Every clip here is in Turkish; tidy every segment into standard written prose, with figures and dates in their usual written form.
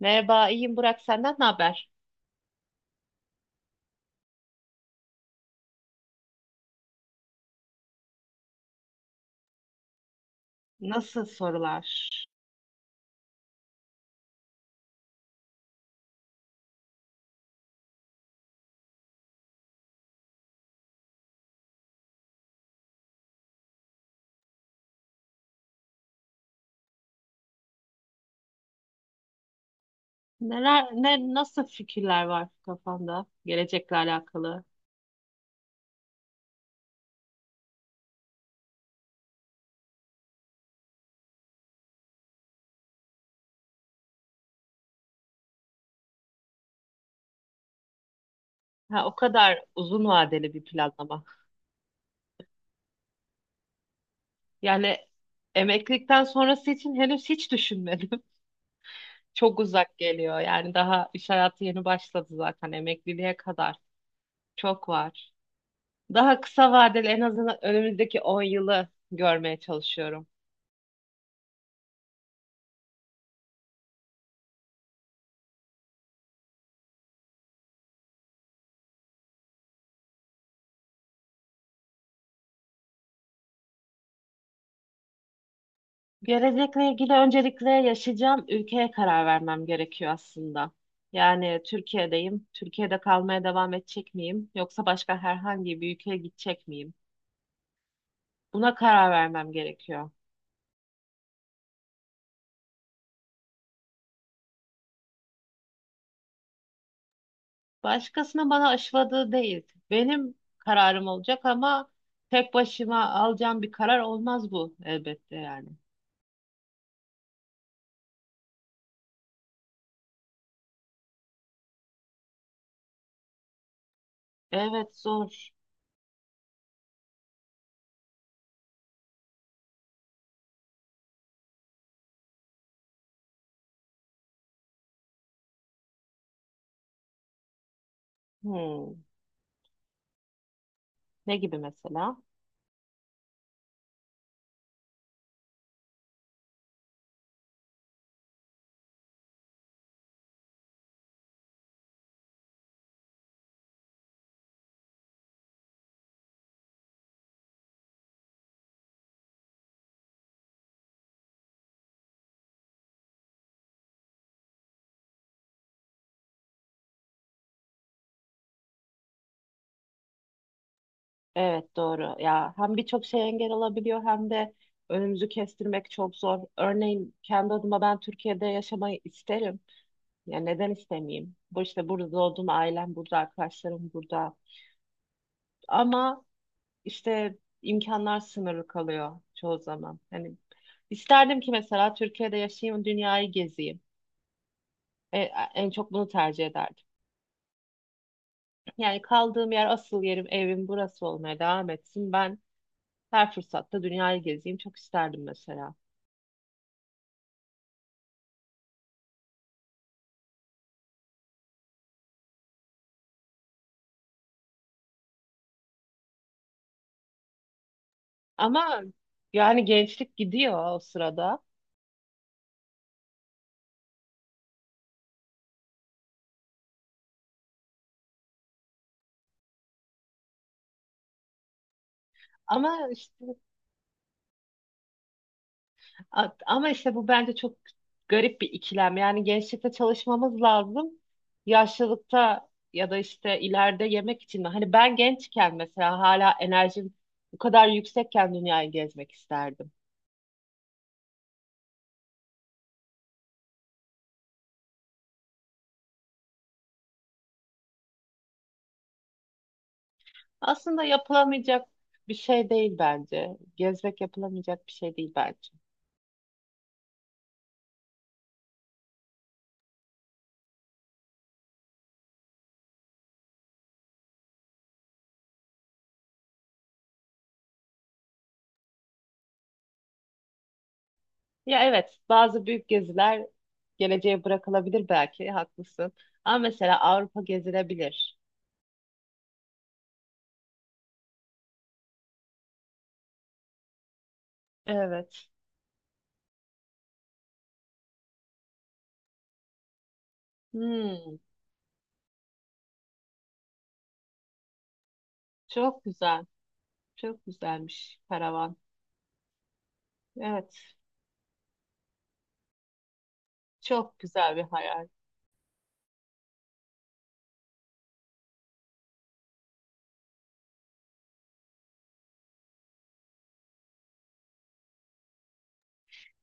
Merhaba, iyiyim Burak. Senden ne haber? Nasıl sorular? Neler, nasıl fikirler var kafanda gelecekle alakalı? Ha, o kadar uzun vadeli bir planlama. Yani emeklilikten sonrası için henüz hiç düşünmedim. Çok uzak geliyor. Yani daha iş hayatı yeni başladı zaten emekliliğe kadar. Çok var. Daha kısa vadeli en azından önümüzdeki 10 yılı görmeye çalışıyorum. Gelecekle ilgili öncelikle yaşayacağım ülkeye karar vermem gerekiyor aslında. Yani Türkiye'deyim. Türkiye'de kalmaya devam edecek miyim? Yoksa başka herhangi bir ülkeye gidecek miyim? Buna karar vermem gerekiyor. Başkasının bana aşıladığı değil. Benim kararım olacak ama tek başıma alacağım bir karar olmaz bu elbette yani. Evet zor. Hmm. Ne gibi mesela? Evet doğru. Ya hem birçok şey engel olabiliyor hem de önümüzü kestirmek çok zor. Örneğin kendi adıma ben Türkiye'de yaşamayı isterim. Ya neden istemeyeyim? Bu işte burada doğdum, ailem burada, arkadaşlarım burada. Ama işte imkanlar sınırlı kalıyor çoğu zaman. Hani isterdim ki mesela Türkiye'de yaşayayım, dünyayı gezeyim. E, en çok bunu tercih ederdim. Yani kaldığım yer, asıl yerim, evim burası olmaya devam etsin. Ben her fırsatta dünyayı gezeyim çok isterdim mesela. Ama yani gençlik gidiyor o sırada. Ama işte ama işte bu bence çok garip bir ikilem. Yani gençlikte çalışmamız lazım. Yaşlılıkta ya da işte ileride yemek için mi? Hani ben gençken mesela hala enerjim bu kadar yüksekken dünyayı gezmek isterdim. Aslında yapılamayacak bir şey değil bence. Gezmek yapılamayacak bir şey değil bence. Ya evet, bazı büyük geziler geleceğe bırakılabilir belki, haklısın. Ama mesela Avrupa gezilebilir. Evet. Hmm, çok güzel. Çok güzelmiş karavan. Evet. Çok güzel bir hayal.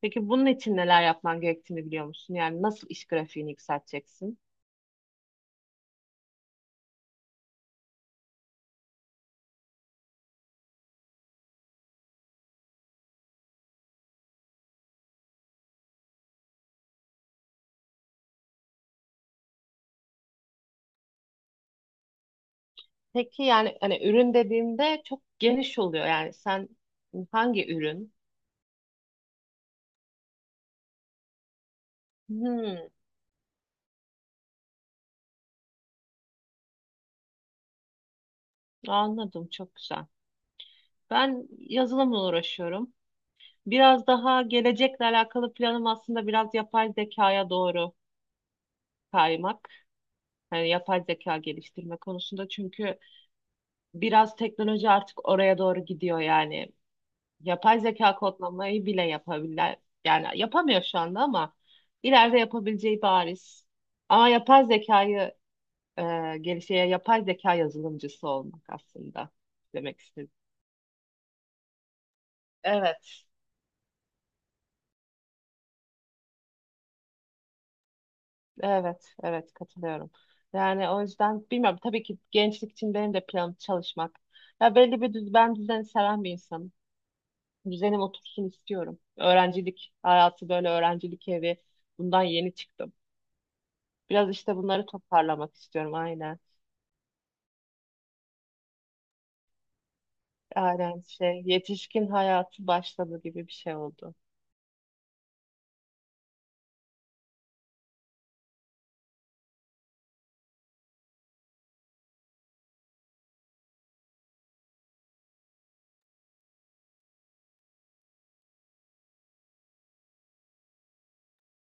Peki bunun için neler yapman gerektiğini biliyor musun? Yani nasıl iş grafiğini yükselteceksin? Peki yani hani ürün dediğimde çok geniş oluyor. Yani sen hangi ürün? Hmm, anladım çok güzel. Ben yazılımla uğraşıyorum. Biraz daha gelecekle alakalı planım aslında biraz yapay zekaya doğru kaymak. Yani yapay zeka geliştirme konusunda çünkü biraz teknoloji artık oraya doğru gidiyor yani. Yapay zeka kodlamayı bile yapabilir. Yani yapamıyor şu anda ama ileride yapabileceği bariz. Ama yapay zekayı e, gelişe yapay zeka yazılımcısı olmak aslında demek istedim. Evet. Evet, evet katılıyorum. Yani o yüzden bilmiyorum tabii ki gençlik için benim de planım çalışmak. Ya belli bir ben düzeni seven bir insanım. Düzenim otursun istiyorum. Öğrencilik hayatı böyle öğrencilik evi bundan yeni çıktım. Biraz işte bunları toparlamak istiyorum aynen. Aynen şey yetişkin hayatı başladı gibi bir şey oldu.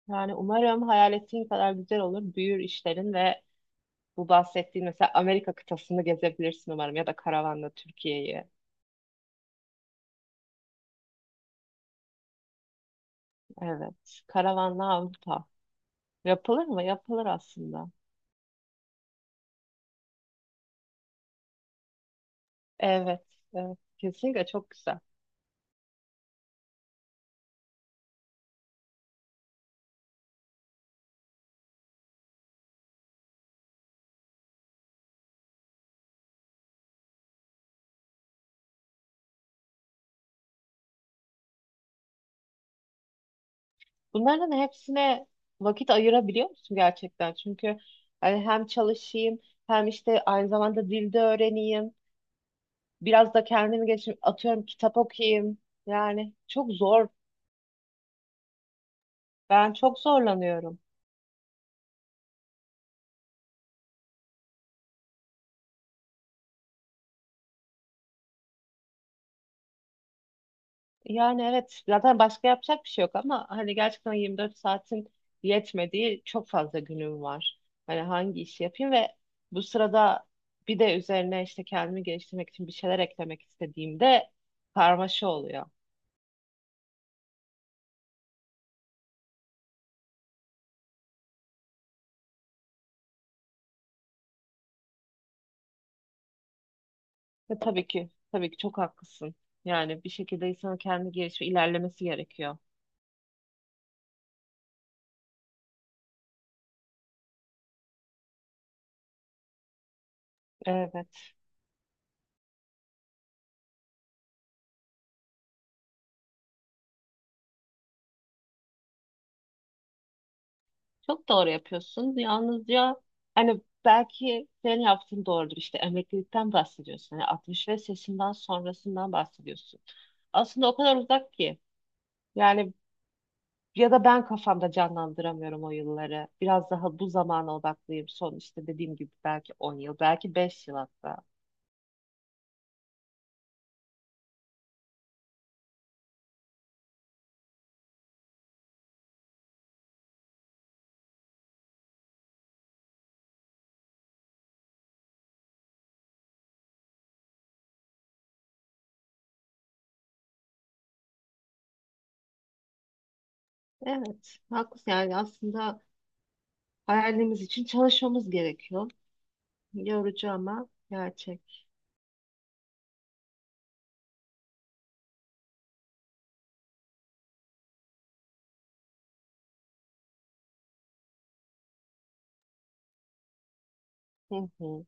Yani umarım hayal ettiğin kadar güzel olur. Büyür işlerin ve bu bahsettiğin mesela Amerika kıtasını gezebilirsin umarım ya da karavanla Türkiye'yi. Evet. Karavanlı Avrupa. Yapılır mı? Yapılır aslında. Evet. Evet. Kesinlikle çok güzel. Bunların hepsine vakit ayırabiliyor musun gerçekten? Çünkü hani hem çalışayım hem işte aynı zamanda dilde öğreneyim. Biraz da kendimi geçireyim. Atıyorum kitap okuyayım. Yani çok zor. Ben çok zorlanıyorum. Yani evet zaten başka yapacak bir şey yok ama hani gerçekten 24 saatin yetmediği çok fazla günüm var. Hani hangi işi yapayım ve bu sırada bir de üzerine işte kendimi geliştirmek için bir şeyler eklemek istediğimde karmaşa oluyor. Ve tabii ki tabii ki çok haklısın. Yani bir şekilde insanın kendi gelişimi ilerlemesi gerekiyor. Evet. Çok doğru yapıyorsun. Yalnızca hani belki senin yaptığın doğrudur. İşte emeklilikten bahsediyorsun. Hani 65 yaşından sonrasından bahsediyorsun. Aslında o kadar uzak ki. Yani ya da ben kafamda canlandıramıyorum o yılları. Biraz daha bu zamana odaklıyım. Son işte dediğim gibi belki 10 yıl, belki 5 yıl hatta. Evet, haklısın. Yani aslında hayalimiz için çalışmamız gerekiyor. Yorucu ama gerçek. Hı hı.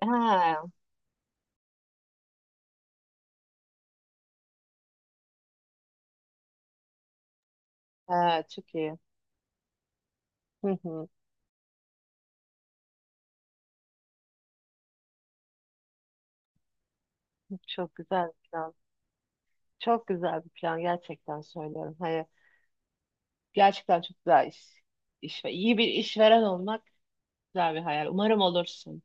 Ha, evet, çok iyi. Hı hı. Çok güzel bir plan. Çok güzel bir plan gerçekten söylüyorum. Hani gerçekten çok güzel iş. İş ve iyi bir işveren olmak güzel bir hayal. Umarım olursun.